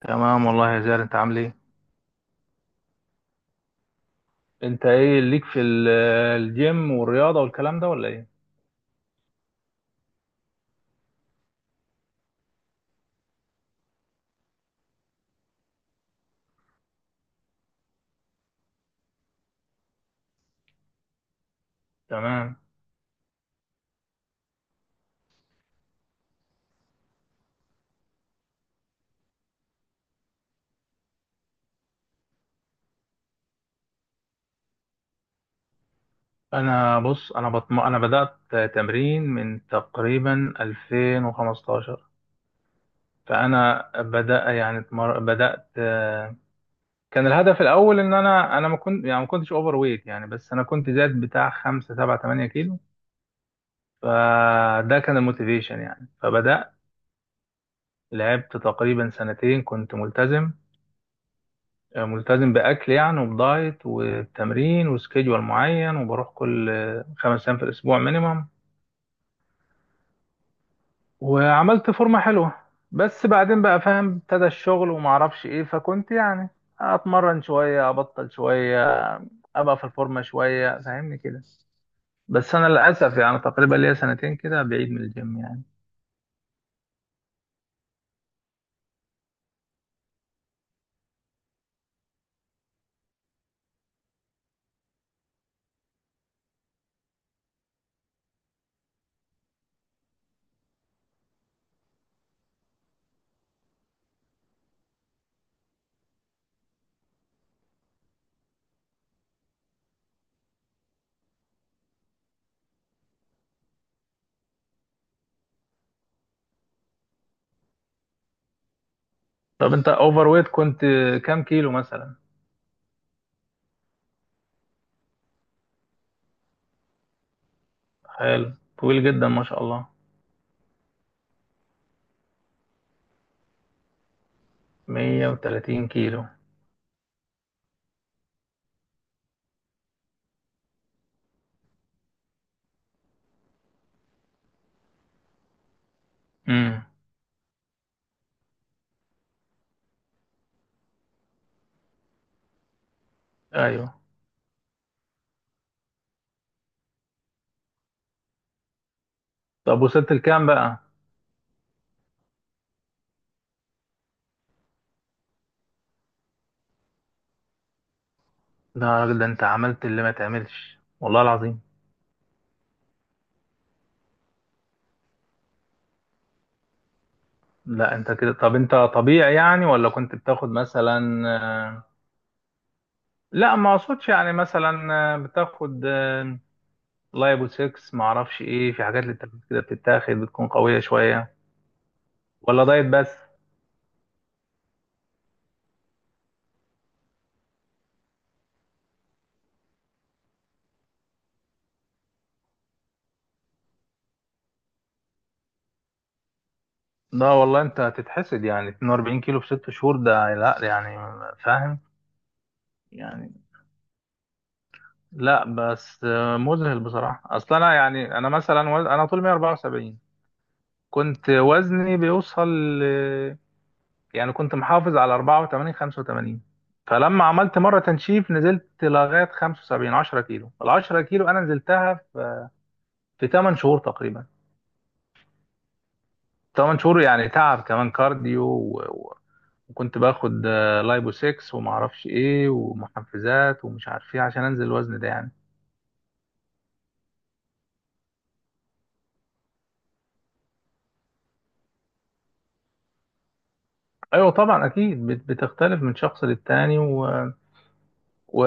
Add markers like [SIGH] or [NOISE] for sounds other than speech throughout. تمام والله يا زياد، انت عامل ايه؟ انت ايه ليك في الجيم والرياضه والكلام ده، ولا ايه؟ تمام. انا بص، انا بدات تمرين من تقريبا 2015. فانا بدا يعني اتمر... بدات، كان الهدف الاول ان انا ما كنتش اوفر ويت يعني. بس انا كنت زاد بتاع 5 7 8 كيلو، فده كان الموتيفيشن يعني. فبدات لعبت تقريبا سنتين، كنت ملتزم. ملتزم بأكل يعني، وبدايت وتمرين وسكيدول معين، وبروح كل خمس أيام في الأسبوع مينيمم. وعملت فورمة حلوة. بس بعدين بقى فاهم، ابتدى الشغل ومعرفش ايه، فكنت يعني اتمرن شوية ابطل شوية، ابقى في الفورمة شوية، فاهمني كده. بس انا للاسف يعني تقريبا ليا سنتين كده بعيد من الجيم يعني. طب انت اوفر ويت، كنت كام كيلو مثلا؟ حلو، طويل جدا، ما شاء الله. 130 كيلو. امم. ايوه. طب وصلت لكام بقى؟ لا يا راجل، ده انت عملت اللي ما تعملش، والله العظيم. لا انت كده، طب انت طبيعي يعني، ولا كنت بتاخد مثلا؟ آه، لا، ما اقصدش، يعني مثلا بتاخد لايبو 6، ما اعرفش ايه، في حاجات للتركيز كده بتتاخد، بتكون قوية شوية، ولا دايت بس؟ لا والله، انت هتتحسد يعني. 42 كيلو في 6 شهور، ده لا يعني، فاهم يعني. لا بس مذهل بصراحة. اصل انا يعني، انا مثلا انا طول 174، كنت وزني بيوصل ل- يعني كنت محافظ على 84 85. فلما عملت مرة تنشيف نزلت لغاية 75. 10 كيلو، ال 10 كيلو أنا نزلتها في في 8 شهور تقريبا. 8 شهور، يعني تعب، كمان كارديو وكنت باخد لايبو 6 وما اعرفش ايه ومحفزات ومش عارف ايه عشان انزل الوزن ده يعني. ايوه طبعا، اكيد بتختلف من شخص للتاني و...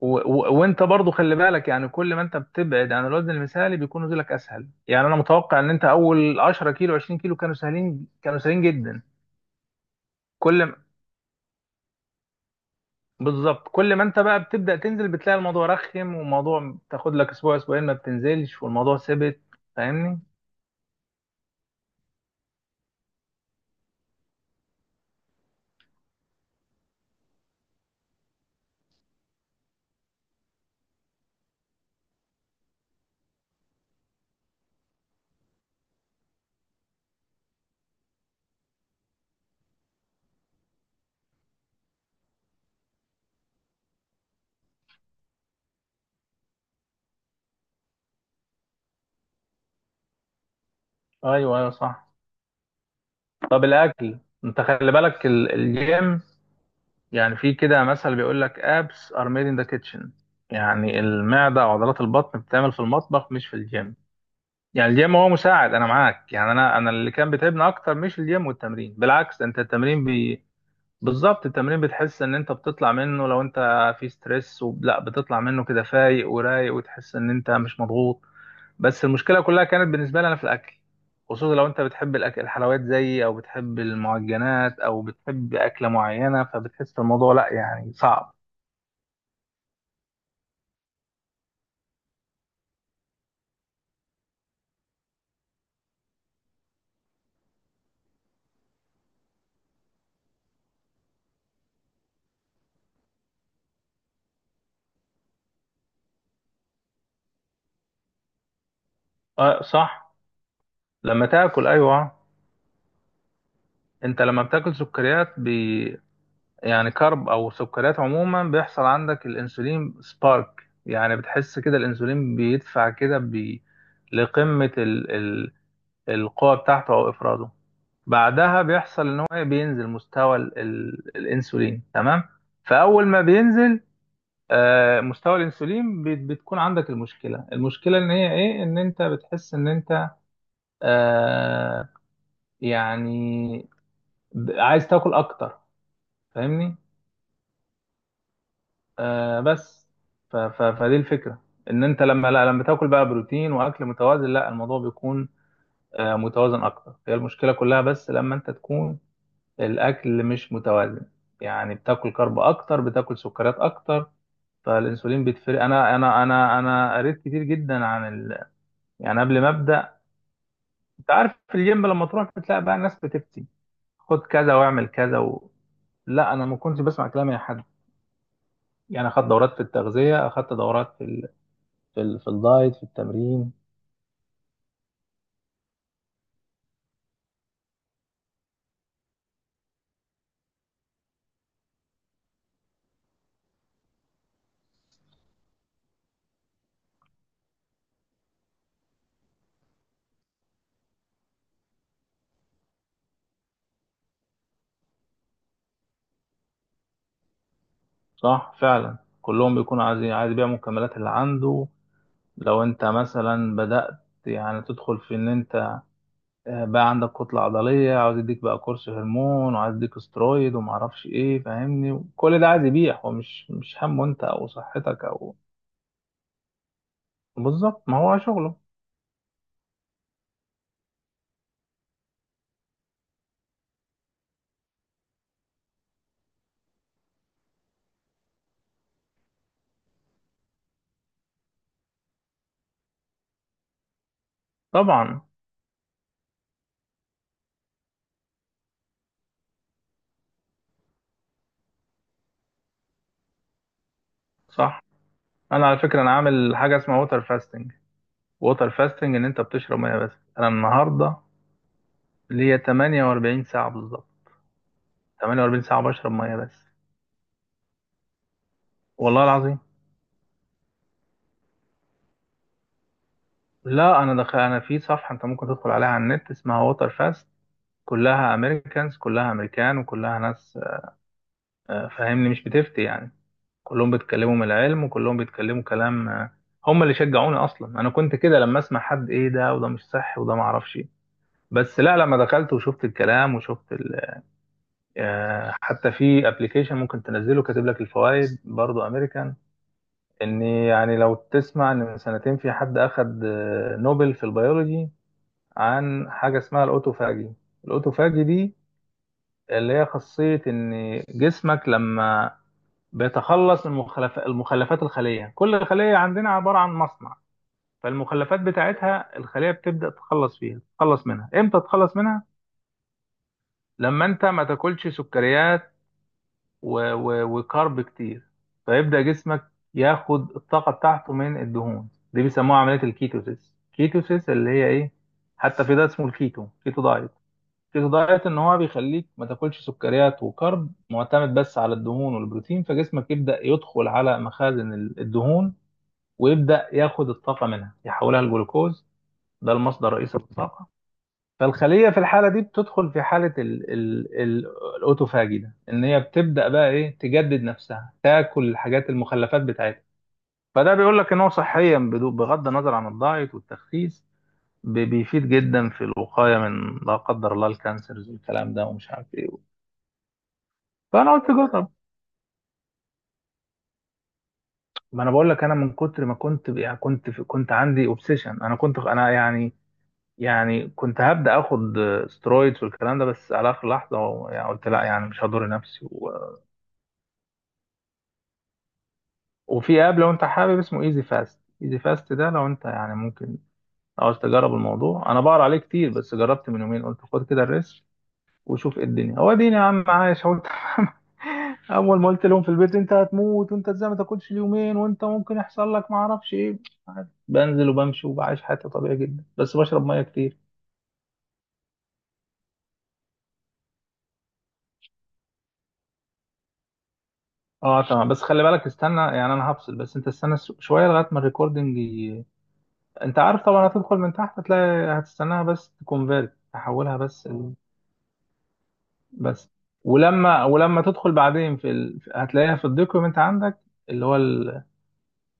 وانت برضو خلي بالك يعني، كل ما انت بتبعد عن الوزن المثالي بيكون نزولك اسهل. يعني انا متوقع ان انت اول 10 كيلو 20 كيلو كانوا سهلين، كانوا سهلين جدا. كل ما- بالظبط، كل ما انت بقى بتبدا تنزل بتلاقي الموضوع رخم، والموضوع تاخد لك اسبوع اسبوعين ما بتنزلش، والموضوع ثبت، فاهمني. ايوه، ايوه، صح. طب الاكل، انت خلي بالك الجيم، يعني في كده مثل بيقول لك abs are made in the kitchen. يعني المعده وعضلات البطن بتعمل في المطبخ مش في الجيم. يعني الجيم هو مساعد. انا معاك يعني، انا اللي كان بيتعبني اكتر مش الجيم والتمرين. بالعكس، انت التمرين بالظبط، التمرين بتحس ان انت بتطلع منه، لو انت في ستريس لا، بتطلع منه كده فايق ورايق، وتحس ان انت مش مضغوط. بس المشكله كلها كانت بالنسبه لي انا في الاكل، خصوصا لو انت بتحب الاكل، الحلويات زيي، او بتحب المعجنات، او بتحب اكله معينه، فبتحس الموضوع، لا يعني، صعب. اه صح. لما تاكل، ايوه. انت لما بتاكل سكريات، يعني كرب او سكريات عموما، بيحصل عندك الانسولين سبارك. يعني بتحس كده الانسولين بيدفع كده بي لقمة ال... ال... القوة بتاعته او افراده. بعدها بيحصل ان هو إيه؟ بينزل مستوى الانسولين، تمام؟ فاول ما بينزل مستوى الانسولين، بتكون عندك المشكلة. المشكلة ان هي ايه؟ ان انت بتحس ان انت آه، يعني عايز تاكل اكتر، فاهمني. آه بس ف ف فدي الفكرة، ان انت لما لا لما تاكل بقى بروتين واكل متوازن، لا، الموضوع بيكون متوازن اكتر. هي المشكلة كلها بس لما انت تكون الاكل مش متوازن، يعني بتاكل كرب اكتر، بتاكل سكريات اكتر، فالانسولين بيتفرق. انا قريت كتير جدا عن يعني قبل ما ابدا. انت عارف في الجيم لما تروح بتلاقي بقى الناس بتفتي، خد كذا واعمل كذا لا انا ما كنتش بسمع كلام اي حد. يعني اخدت دورات في التغذية، اخدت دورات في الدايت، في التمرين. صح فعلا، كلهم بيكونوا عايزين، عايز يبيع المكملات اللي عنده. لو انت مثلا بدأت يعني تدخل في ان انت بقى عندك كتلة عضلية، عاوز يديك بقى كورس هرمون، وعايز يديك استرويد، ومعرفش ايه، فاهمني، كل ده عايز يبيع. هو مش همه انت او صحتك او، بالظبط، ما هو شغله. طبعا، صح. انا على فكرة انا عامل حاجة اسمها ووتر فاستنج. ووتر فاستنج ان انت بتشرب ميه بس. انا النهاردة ليا 48 ساعة بالظبط. 48 ساعة بشرب مية بس، والله العظيم. لا، أنا دخل أنا في صفحة، أنت ممكن تدخل عليها على النت، اسمها ووتر فاست. كلها أمريكانز، كلها أمريكان وكلها ناس، فاهمني، مش بتفتي يعني. كلهم بيتكلموا من العلم، وكلهم بيتكلموا كلام، هم اللي شجعوني أصلا. أنا كنت كده لما أسمع حد، إيه ده وده مش صح وده معرفش إيه. بس لا، لما دخلت وشفت الكلام وشفت ال... آه، حتى في ابلكيشن ممكن تنزله كاتب لك الفوائد، برضه امريكان. ان يعني لو تسمع، ان من سنتين في حد اخد نوبل في البيولوجي، عن حاجه اسمها الاوتوفاجي. الاوتوفاجي دي اللي هي خاصيه ان جسمك لما بيتخلص من المخلفات، الخليه، كل خليه عندنا عباره عن مصنع. فالمخلفات بتاعتها الخليه بتبدا تتخلص فيها، تتخلص منها. امتى تتخلص منها؟ لما انت ما تاكلش سكريات وكارب كتير، فيبدأ جسمك ياخد الطاقة بتاعته من الدهون. دي بيسموها عملية الكيتوسيس، كيتوسيس اللي هي ايه؟ حتى في ده اسمه الكيتو، كيتو دايت. كيتو دايت ان هو بيخليك ما تاكلش سكريات وكارب، معتمد بس على الدهون والبروتين، فجسمك يبدأ يدخل على مخازن الدهون، ويبدأ ياخد الطاقة منها، يحولها لجلوكوز، ده المصدر الرئيسي للطاقة. فالخلية في الحالة دي بتدخل في حالة ال ال ال الأوتوفاجي ده، إن هي بتبدأ بقى إيه؟ تجدد نفسها، تاكل الحاجات، المخلفات بتاعتها. فده بيقول لك إن هو صحيا، بغض النظر عن الدايت والتخسيس، بيفيد جدا في الوقاية من، لا قدر الله، الكانسرز والكلام ده ومش عارف إيه. فأنا قلت جرب. ما أنا بقول لك، أنا من كتر ما كنت ب- يعني كنت في كنت عندي أوبسيشن. أنا كنت أنا يعني يعني كنت هبدأ آخد سترويدز والكلام ده، بس على آخر لحظة يعني قلت لا، يعني مش هضر نفسي. وفي اب لو انت حابب، اسمه ايزي فاست. ايزي فاست ده لو انت يعني ممكن، عاوز تجرب الموضوع، انا بقرا عليه كتير بس جربت من يومين، قلت خد كده الريسك وشوف ايه الدنيا، هو ديني يا عم عايش؟ هو [LAUGHS] اول ما قلت لهم في البيت، انت هتموت، وانت ازاي ما تاكلش اليومين، وانت ممكن يحصل لك ما اعرفش ايه. بنزل وبمشي وبعيش حياتي طبيعي جدا، بس بشرب ميه كتير. اه تمام. بس خلي بالك، استنى يعني، انا هفصل، بس انت استنى شويه لغايه ما الريكوردنج انت عارف طبعا، هتدخل من تحت هتلاقي، هتستناها بس تكونفيرت، تحولها بس. بس. ولما تدخل بعدين في هتلاقيها في الدوكيومنت عندك، اللي هو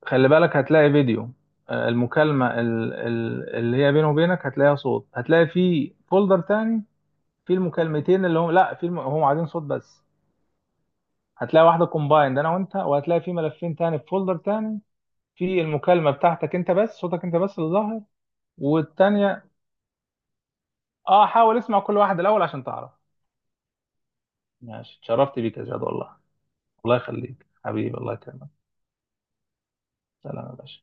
خلي بالك هتلاقي فيديو، المكالمة اللي هي بينه وبينك، هتلاقيها صوت، هتلاقي في فولدر تاني، في المكالمتين اللي هم لا، في هم قاعدين صوت بس. هتلاقي واحدة كومبايند انا وانت، وهتلاقي في ملفين تاني في فولدر تاني، في المكالمة بتاعتك انت بس، صوتك انت بس اللي ظاهر، والتانية. اه، حاول اسمع كل واحد الاول عشان تعرف. ماشي، اتشرفت بيك يا زياد، والله. الله يخليك حبيبي، الله يكرمك. سلام يا باشا.